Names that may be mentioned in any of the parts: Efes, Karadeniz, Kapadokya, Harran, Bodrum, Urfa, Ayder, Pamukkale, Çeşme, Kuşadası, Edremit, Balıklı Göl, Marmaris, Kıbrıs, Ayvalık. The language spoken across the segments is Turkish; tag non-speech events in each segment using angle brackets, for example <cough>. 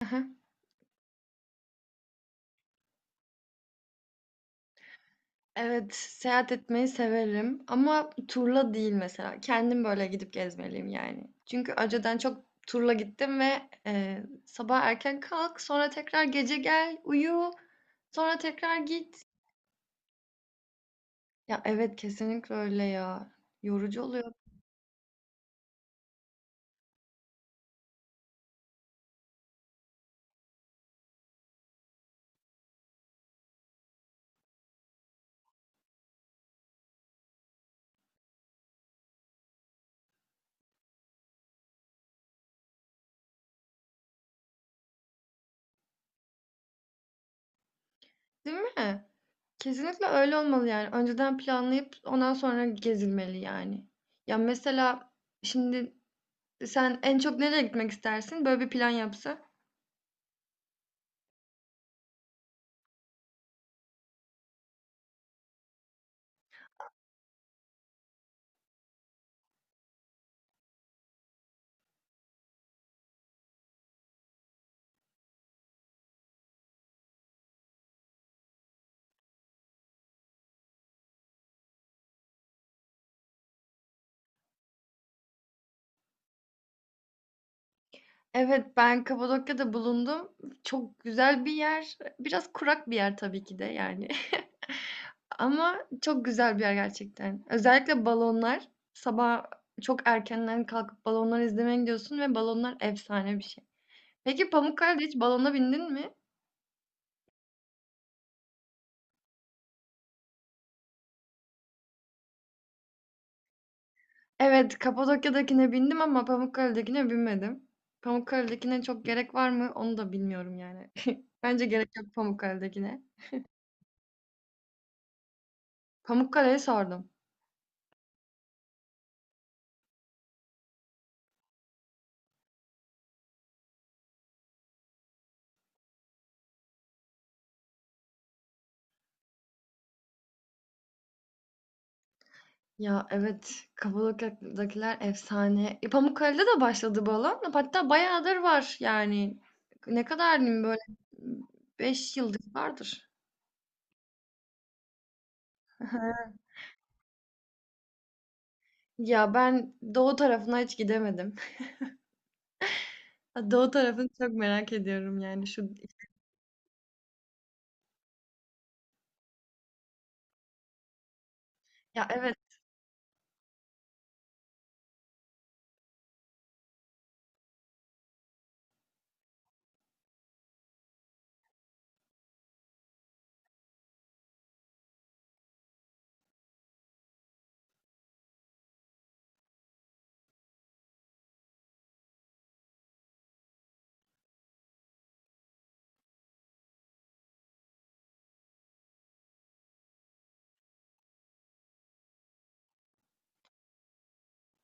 Heh, Evet, seyahat etmeyi severim ama turla değil mesela. Kendim böyle gidip gezmeliyim yani. Çünkü önceden çok turla gittim ve sabah erken kalk, sonra tekrar gece gel, uyu, sonra tekrar git. Ya evet kesinlikle öyle ya. Yorucu oluyor, değil mi? Kesinlikle öyle olmalı yani. Önceden planlayıp ondan sonra gezilmeli yani. Ya mesela şimdi sen en çok nereye gitmek istersin? Böyle bir plan yapsa. Evet, ben Kapadokya'da bulundum. Çok güzel bir yer. Biraz kurak bir yer tabii ki de yani. <laughs> Ama çok güzel bir yer gerçekten. Özellikle balonlar. Sabah çok erkenden kalkıp balonları izlemeye gidiyorsun ve balonlar efsane bir şey. Peki Pamukkale'de hiç balona bindin mi? Evet, Kapadokya'dakine bindim ama Pamukkale'dekine binmedim. Pamukkale'dekine çok gerek var mı? Onu da bilmiyorum yani. <laughs> Bence gerek yok Pamukkale'dekine. Pamukkale'ye sordum. Ya evet, Kapadokya'dakiler efsane. Pamukkale'de de başladı bu alan. Hatta bayağıdır var yani. Ne kadar diyeyim böyle 5 yıldır vardır. <laughs> Ya ben doğu tarafına hiç gidemedim. <laughs> Doğu tarafını çok merak ediyorum yani şu. Ya evet.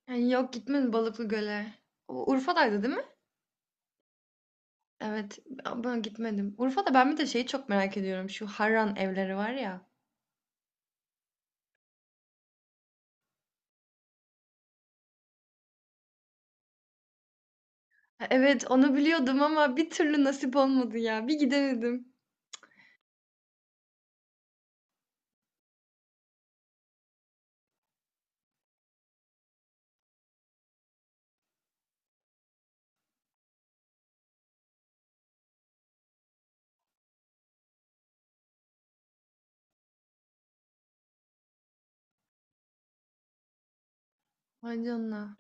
Yani yok gitmedim Balıklı Göl'e. O Urfa'daydı değil mi? Evet. Ben gitmedim. Urfa'da ben bir de şeyi çok merak ediyorum. Şu Harran evleri var ya. Evet onu biliyordum ama bir türlü nasip olmadı ya. Bir gidemedim. Vay canına.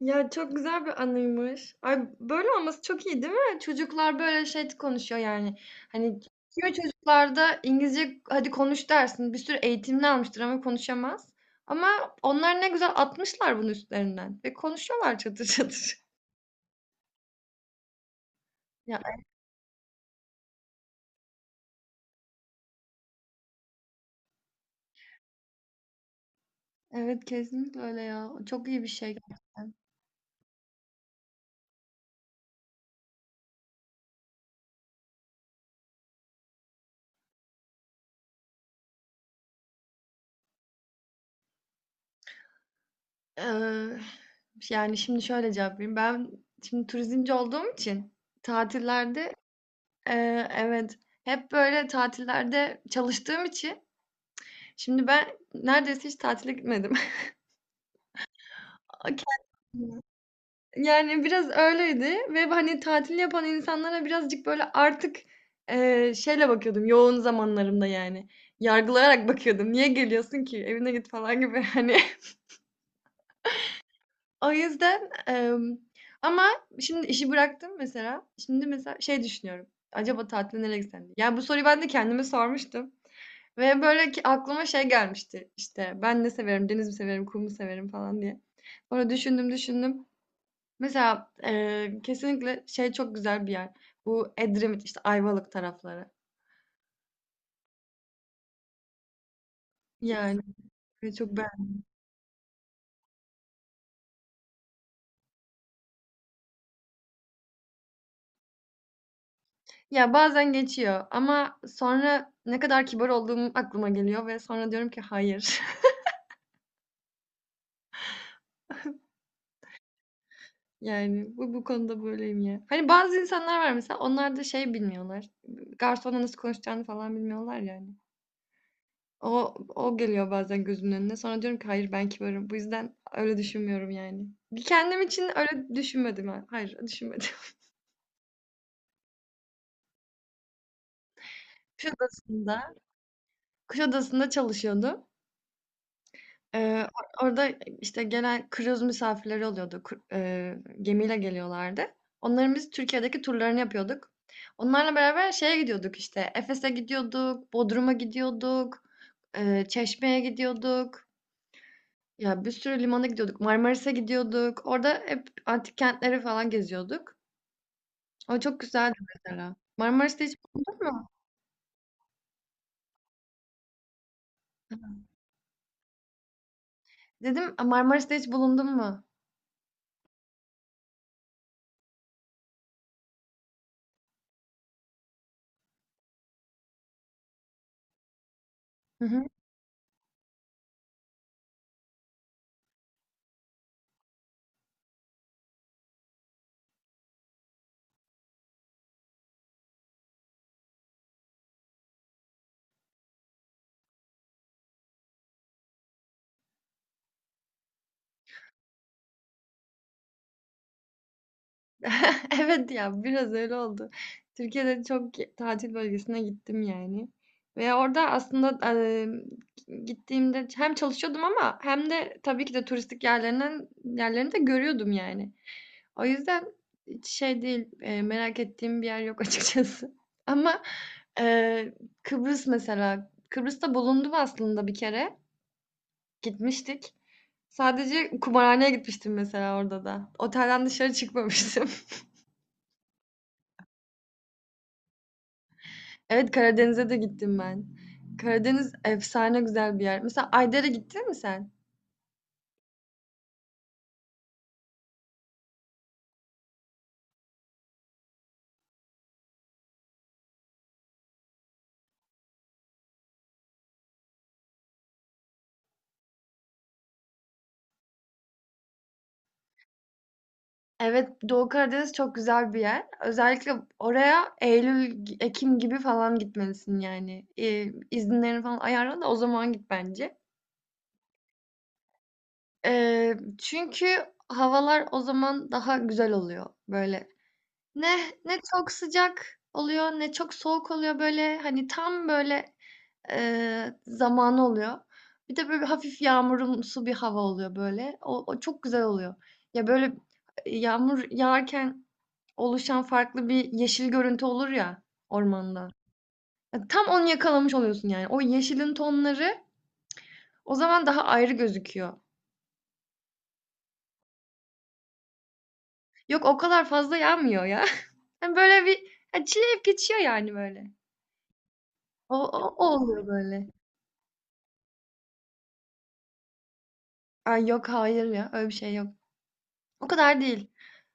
Ya çok güzel bir anıymış. Ay böyle olması çok iyi değil mi? Çocuklar böyle şey konuşuyor yani. Hani kimi çocuklarda İngilizce hadi konuş dersin. Bir sürü eğitimini almıştır ama konuşamaz. Ama onlar ne güzel atmışlar bunun üstlerinden. Ve konuşuyorlar çatır çatır. <laughs> Ya evet kesinlikle öyle ya. Çok iyi bir şey. Ee, yani şimdi şöyle cevap vereyim. Ben şimdi turizmci olduğum için tatillerde e, evet hep böyle tatillerde çalıştığım için şimdi ben neredeyse hiç tatile gitmedim. <laughs> Kendim- Yani biraz öyleydi ve hani tatil yapan insanlara birazcık böyle artık şeyle bakıyordum yoğun zamanlarımda yani. Yargılayarak bakıyordum. Niye geliyorsun ki? Evine git falan gibi, <laughs> hani. O yüzden ama şimdi işi bıraktım mesela. Şimdi mesela şey düşünüyorum. Acaba tatile nereye gitsem diye. Yani bu soruyu ben de kendime sormuştum. Ve böyle ki aklıma şey gelmişti işte, ben ne severim, deniz mi severim, kum mu severim falan diye. Sonra düşündüm düşündüm. Mesela kesinlikle şey çok güzel bir yer. Bu Edremit işte, Ayvalık tarafları. Yani ve çok ben. Ya bazen geçiyor ama sonra ne kadar kibar olduğum aklıma geliyor ve sonra diyorum ki hayır. <laughs> Yani bu konuda böyleyim ya. Hani bazı insanlar var mesela, onlar da şey bilmiyorlar. Garsonla nasıl konuşacağını falan bilmiyorlar yani. O geliyor bazen gözümün önüne. Sonra diyorum ki hayır, ben kibarım. Bu yüzden öyle düşünmüyorum yani. Kendim için öyle düşünmedim. Hayır düşünmedim. <laughs> Kuşadası'nda, Kuşadası'nda çalışıyordum. Orada işte genel kruz misafirleri oluyordu. Gemiyle geliyorlardı. Onların biz Türkiye'deki turlarını yapıyorduk. Onlarla beraber şeye gidiyorduk işte. Efes'e gidiyorduk, Bodrum'a gidiyorduk, Çeşme'ye gidiyorduk. Ya, bir sürü limana gidiyorduk. Marmaris'e gidiyorduk. Orada hep antik kentleri falan geziyorduk. O çok güzeldi mesela. Marmaris'te hiç bulundun mu? Dedim, "A, Marmaris'te hiç bulundun mu?" Hı hı. <laughs> Evet ya, biraz öyle oldu. Türkiye'de çok tatil bölgesine gittim yani ve orada aslında, gittiğimde hem çalışıyordum ama hem de tabii ki de turistik yerlerinden yerlerini de görüyordum yani. O yüzden hiç şey değil, merak ettiğim bir yer yok, <laughs> açıkçası. Ama, eee, Kıbrıs mesela, Kıbrıs'ta bulundum aslında bir kere, gitmiştik. Sadece kumarhaneye gitmiştim mesela orada da. Otelden dışarı çıkmamıştım. Evet, Karadeniz'e de gittim ben. Karadeniz efsane güzel bir yer. Mesela Ayder'e gittin mi sen? Evet, Doğu Karadeniz çok güzel bir yer. Özellikle oraya Eylül, Ekim gibi falan gitmelisin yani. İzinlerini falan ayarla da o zaman git bence. Çünkü havalar o zaman daha güzel oluyor böyle. Ne ne çok sıcak oluyor ne çok soğuk oluyor, böyle hani tam böyle Zamanı oluyor. Bir de böyle hafif yağmurumsu bir hava oluyor böyle. O çok güzel oluyor. Ya böyle yağmur yağarken oluşan farklı bir yeşil görüntü olur ya, ormanda. Ya tam onu yakalamış oluyorsun yani. O yeşilin tonları o zaman daha ayrı gözüküyor. Yok o kadar fazla yağmıyor ya. <laughs> Yani böyle bir, ya çileyip geçiyor yani böyle. O oluyor böyle. Ay yok, hayır ya, öyle bir şey yok. O kadar değil.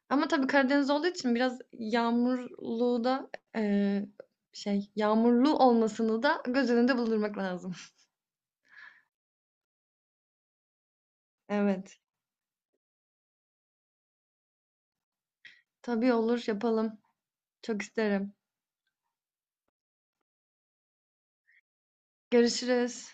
Ama tabii Karadeniz olduğu için biraz yağmurlu da, eee, şey, yağmurlu olmasını da göz önünde bulundurmak lazım. <laughs> Evet. Tabii olur, yapalım. Çok isterim. Görüşürüz.